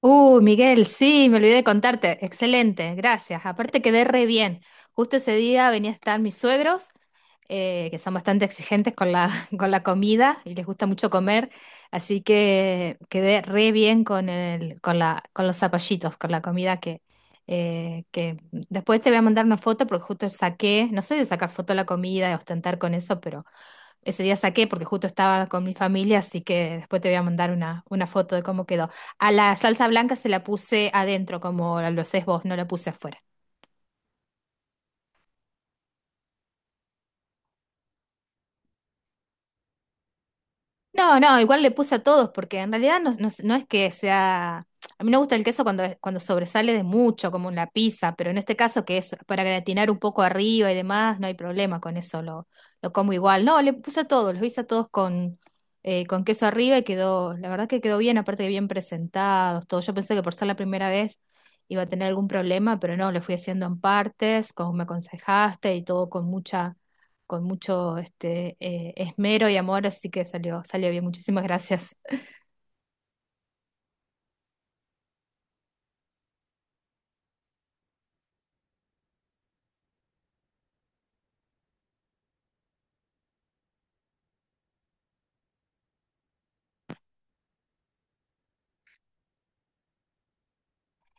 Miguel, sí, me olvidé de contarte. Excelente, gracias. Aparte quedé re bien. Justo ese día venía a estar mis suegros, que son bastante exigentes con la, con la comida y les gusta mucho comer, así que quedé re bien con el, con la, con los zapallitos, con la comida que después te voy a mandar una foto porque justo saqué, no soy de sacar foto de la comida, de ostentar con eso, pero ese día saqué porque justo estaba con mi familia, así que después te voy a mandar una foto de cómo quedó. A la salsa blanca se la puse adentro, como lo haces vos, no la puse afuera. No, no, igual le puse a todos, porque en realidad no, no es que sea. A mí me gusta el queso cuando, cuando sobresale de mucho, como en la pizza, pero en este caso que es para gratinar un poco arriba y demás, no hay problema con eso, lo como igual. No, le puse a todos, los hice a todos con queso arriba y quedó, la verdad que quedó bien, aparte que bien presentados, todo. Yo pensé que por ser la primera vez iba a tener algún problema, pero no, le fui haciendo en partes, como me aconsejaste y todo con mucha con mucho esmero y amor, así que salió, salió bien. Muchísimas gracias.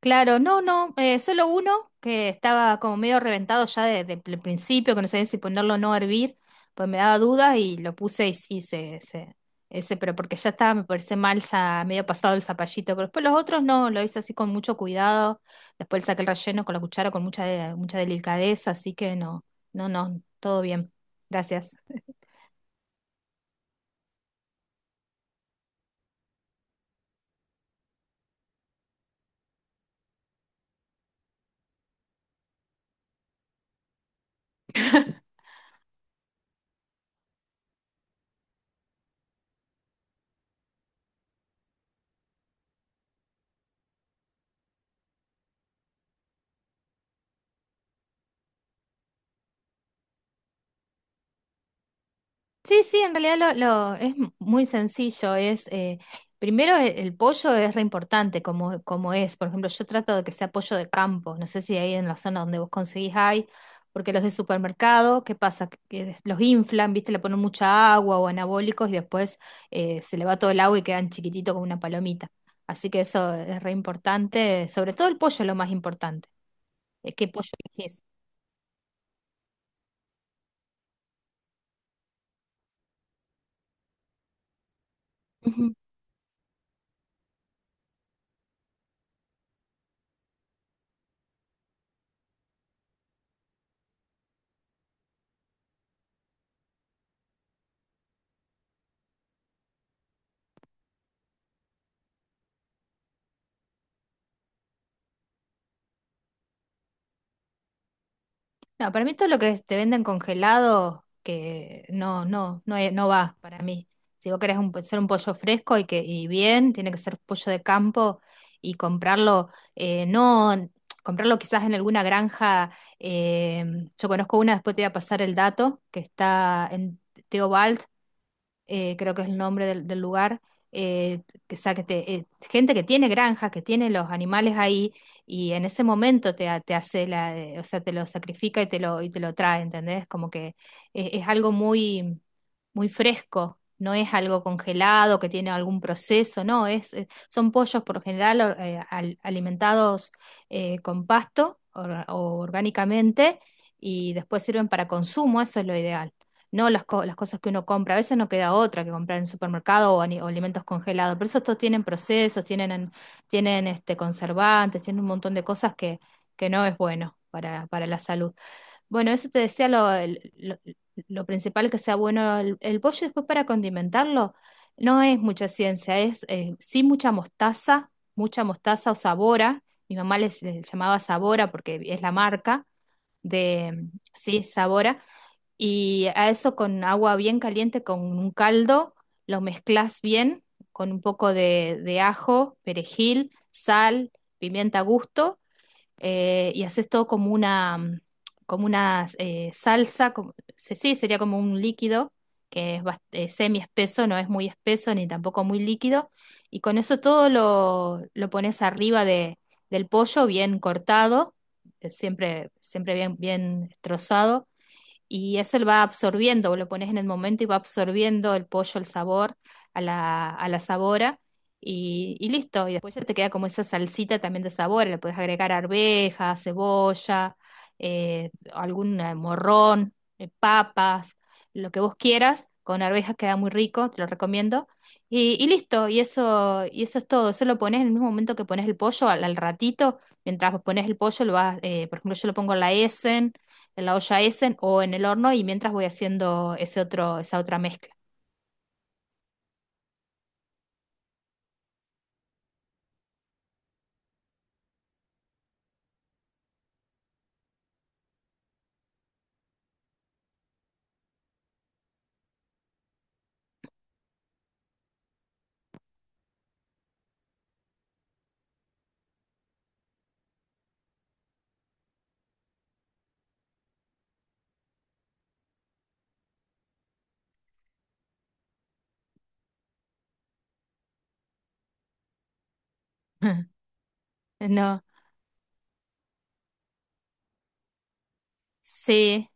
Claro, no, no, solo uno que estaba como medio reventado ya desde el principio, que no sabía si ponerlo o no a hervir, pues me daba dudas y lo puse y sí, ese, pero porque ya estaba, me parece mal, ya medio pasado el zapallito, pero después los otros no, lo hice así con mucho cuidado, después le saqué el relleno con la cuchara con mucha delicadeza, así que no, no, no, todo bien. Gracias. Sí, sí, en realidad es muy sencillo. Es primero el pollo es re importante como, como es. Por ejemplo, yo trato de que sea pollo de campo. No sé si ahí en la zona donde vos conseguís hay, porque los de supermercado, ¿qué pasa? Los inflan, ¿viste? Le ponen mucha agua o anabólicos y después se le va todo el agua y quedan chiquititos como una palomita. Así que eso es re importante. Sobre todo el pollo es lo más importante. ¿Qué pollo elegís? No, para mí todo lo que te venden congelado, que no, no, no, no va para mí. Si vos querés hacer un pollo fresco y que y bien, tiene que ser pollo de campo y comprarlo, no, comprarlo quizás en alguna granja. eh, yo conozco una, después te voy a pasar el dato, que está en Teobal, creo que es el nombre del, del lugar, eh, que, o sea, gente que tiene granjas, que tiene los animales ahí, y en ese momento te, ha- te hace la, o sea, te lo sacrifica y te lo trae, ¿entendés? Como que es algo muy, muy fresco. No es algo congelado que tiene algún proceso, no, es, son pollos por lo general alimentados con pasto o orgánicamente y después sirven para consumo, eso es lo ideal no las cosas que uno compra. A veces no queda otra que comprar en supermercado o alimentos congelados, pero esos todos tienen procesos, tienen este, conservantes, tienen un montón de cosas que no es bueno para la salud. Bueno, eso te decía lo principal que sea bueno el pollo. Después para condimentarlo, no es mucha ciencia, es sí mucha mostaza o sabora. Mi mamá les, les llamaba sabora porque es la marca de, sí, sabora y a eso con agua bien caliente, con un caldo, lo mezclas bien, con un poco de ajo, perejil, sal, pimienta a gusto, y haces todo como una, como una salsa, sí, sería como un líquido que es semi espeso, no es muy espeso ni tampoco muy líquido, y con eso todo lo pones arriba de, del pollo bien cortado, siempre, siempre bien, bien trozado y eso lo va absorbiendo, lo pones en el momento y va absorbiendo el pollo, el sabor, a la sabora y listo. Y después ya te queda como esa salsita también de sabor, le puedes agregar arveja, cebolla, algún morrón, papas, lo que vos quieras. Con arvejas queda muy rico, te lo recomiendo. Y listo, y eso es todo. Eso lo pones en el mismo momento que pones el pollo, al, al ratito, mientras pones el pollo, lo vas, por ejemplo, yo lo pongo a la Essen en la olla Essen o en el horno y mientras voy haciendo ese otro, esa otra mezcla. No, sí,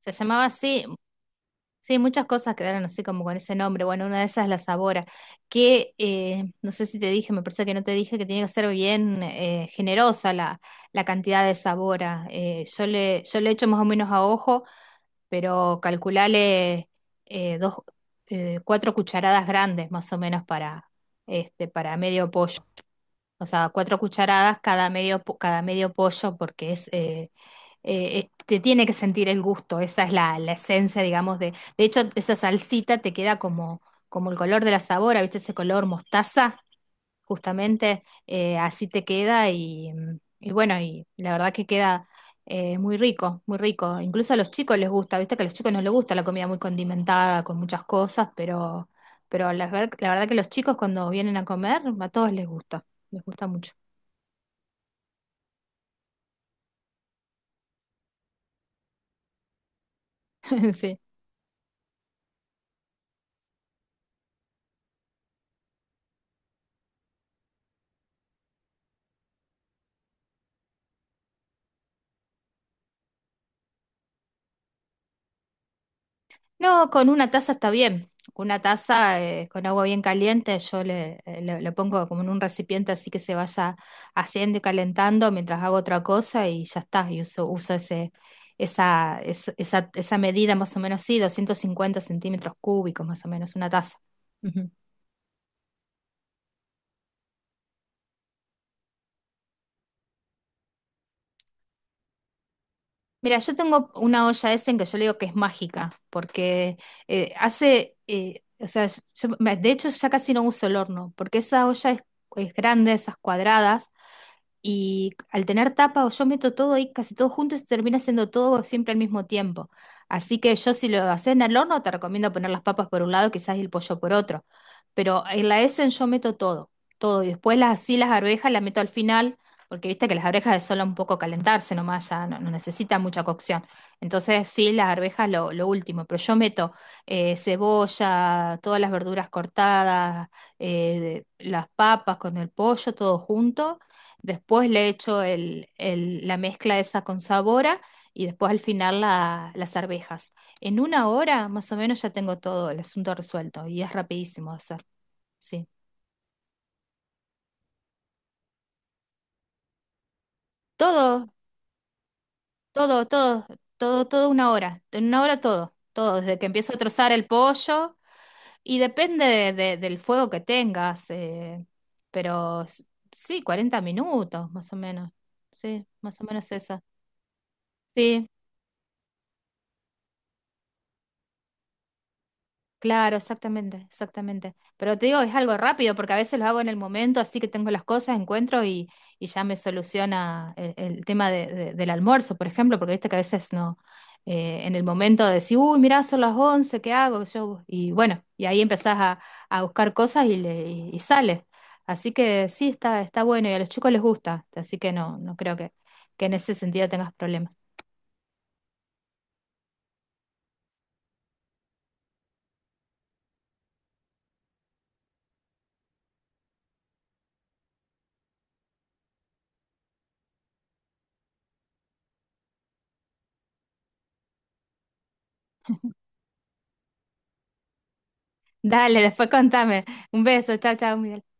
se llamaba así. Sí, muchas cosas quedaron así como con ese nombre. Bueno, una de esas es la Sabora, que no sé si te dije, me parece que no te dije que tiene que ser bien generosa la, la cantidad de Sabora. Yo le, yo le echo más o menos a ojo, pero calculale eh, dos, cuatro cucharadas grandes más o menos para, este, para medio pollo. O sea, cuatro cucharadas cada medio, cada medio pollo porque es, te tiene que sentir el gusto, esa es la, la esencia, digamos, de... De hecho, esa salsita te queda como, como el color de la sabora, ¿viste ese color mostaza? Justamente así te queda y, y bueno, y la verdad que queda muy rico, muy rico. Incluso a los chicos les gusta, viste que a los chicos no les gusta la comida muy condimentada, con muchas cosas, pero, pero la verdad que los chicos cuando vienen a comer, a todos les gusta mucho. Sí. No, con una taza está bien. Una taza con agua bien caliente, yo le, le pongo como en un recipiente así que se vaya haciendo y calentando mientras hago otra cosa y ya está. Y uso, uso ese, esa, es- esa medida más o menos, sí, 250 cm³ más o menos, una taza. Ujú. Mira, yo tengo una olla en que yo le digo que es mágica, porque o sea, de hecho ya casi no uso el horno, porque esa olla es grande, esas cuadradas. Y al tener tapa o yo meto todo ahí, casi todo junto, y se termina haciendo todo siempre al mismo tiempo. Así que yo si lo haces en el horno, te recomiendo poner las papas por un lado, quizás el pollo por otro. Pero en la Essen yo meto todo, todo. Y después las, así las arvejas las meto al final, porque viste que las arvejas es solo un poco calentarse nomás, ya no, no necesita mucha cocción. Entonces sí, las arvejas lo último. Pero yo meto cebolla, todas las verduras cortadas, las papas con el pollo, todo junto. Después le echo la mezcla esa con sabora y después al final las arvejas. En una hora más o menos ya tengo todo el asunto resuelto y es rapidísimo de hacer. Sí. Todo, todo, todo, todo, todo una hora. En una hora todo, todo, desde que empiezo a trozar el pollo y depende del fuego que tengas, pero sí, 40 minutos más o menos. Sí, más o menos eso. Sí. Claro, exactamente, exactamente. Pero te digo, es algo rápido porque a veces lo hago en el momento, así que tengo las cosas, encuentro y ya me soluciona el tema del almuerzo, por ejemplo, porque viste que a veces no, en el momento de decir, uy, mirá, son las 11, ¿qué hago? Yo, y bueno, y ahí empezás a buscar cosas y, le, y sale. Así que sí, está, está bueno y a los chicos les gusta, así que no, no creo que en ese sentido tengas problemas. Dale, después contame. Un beso, chao, chao, Miguel.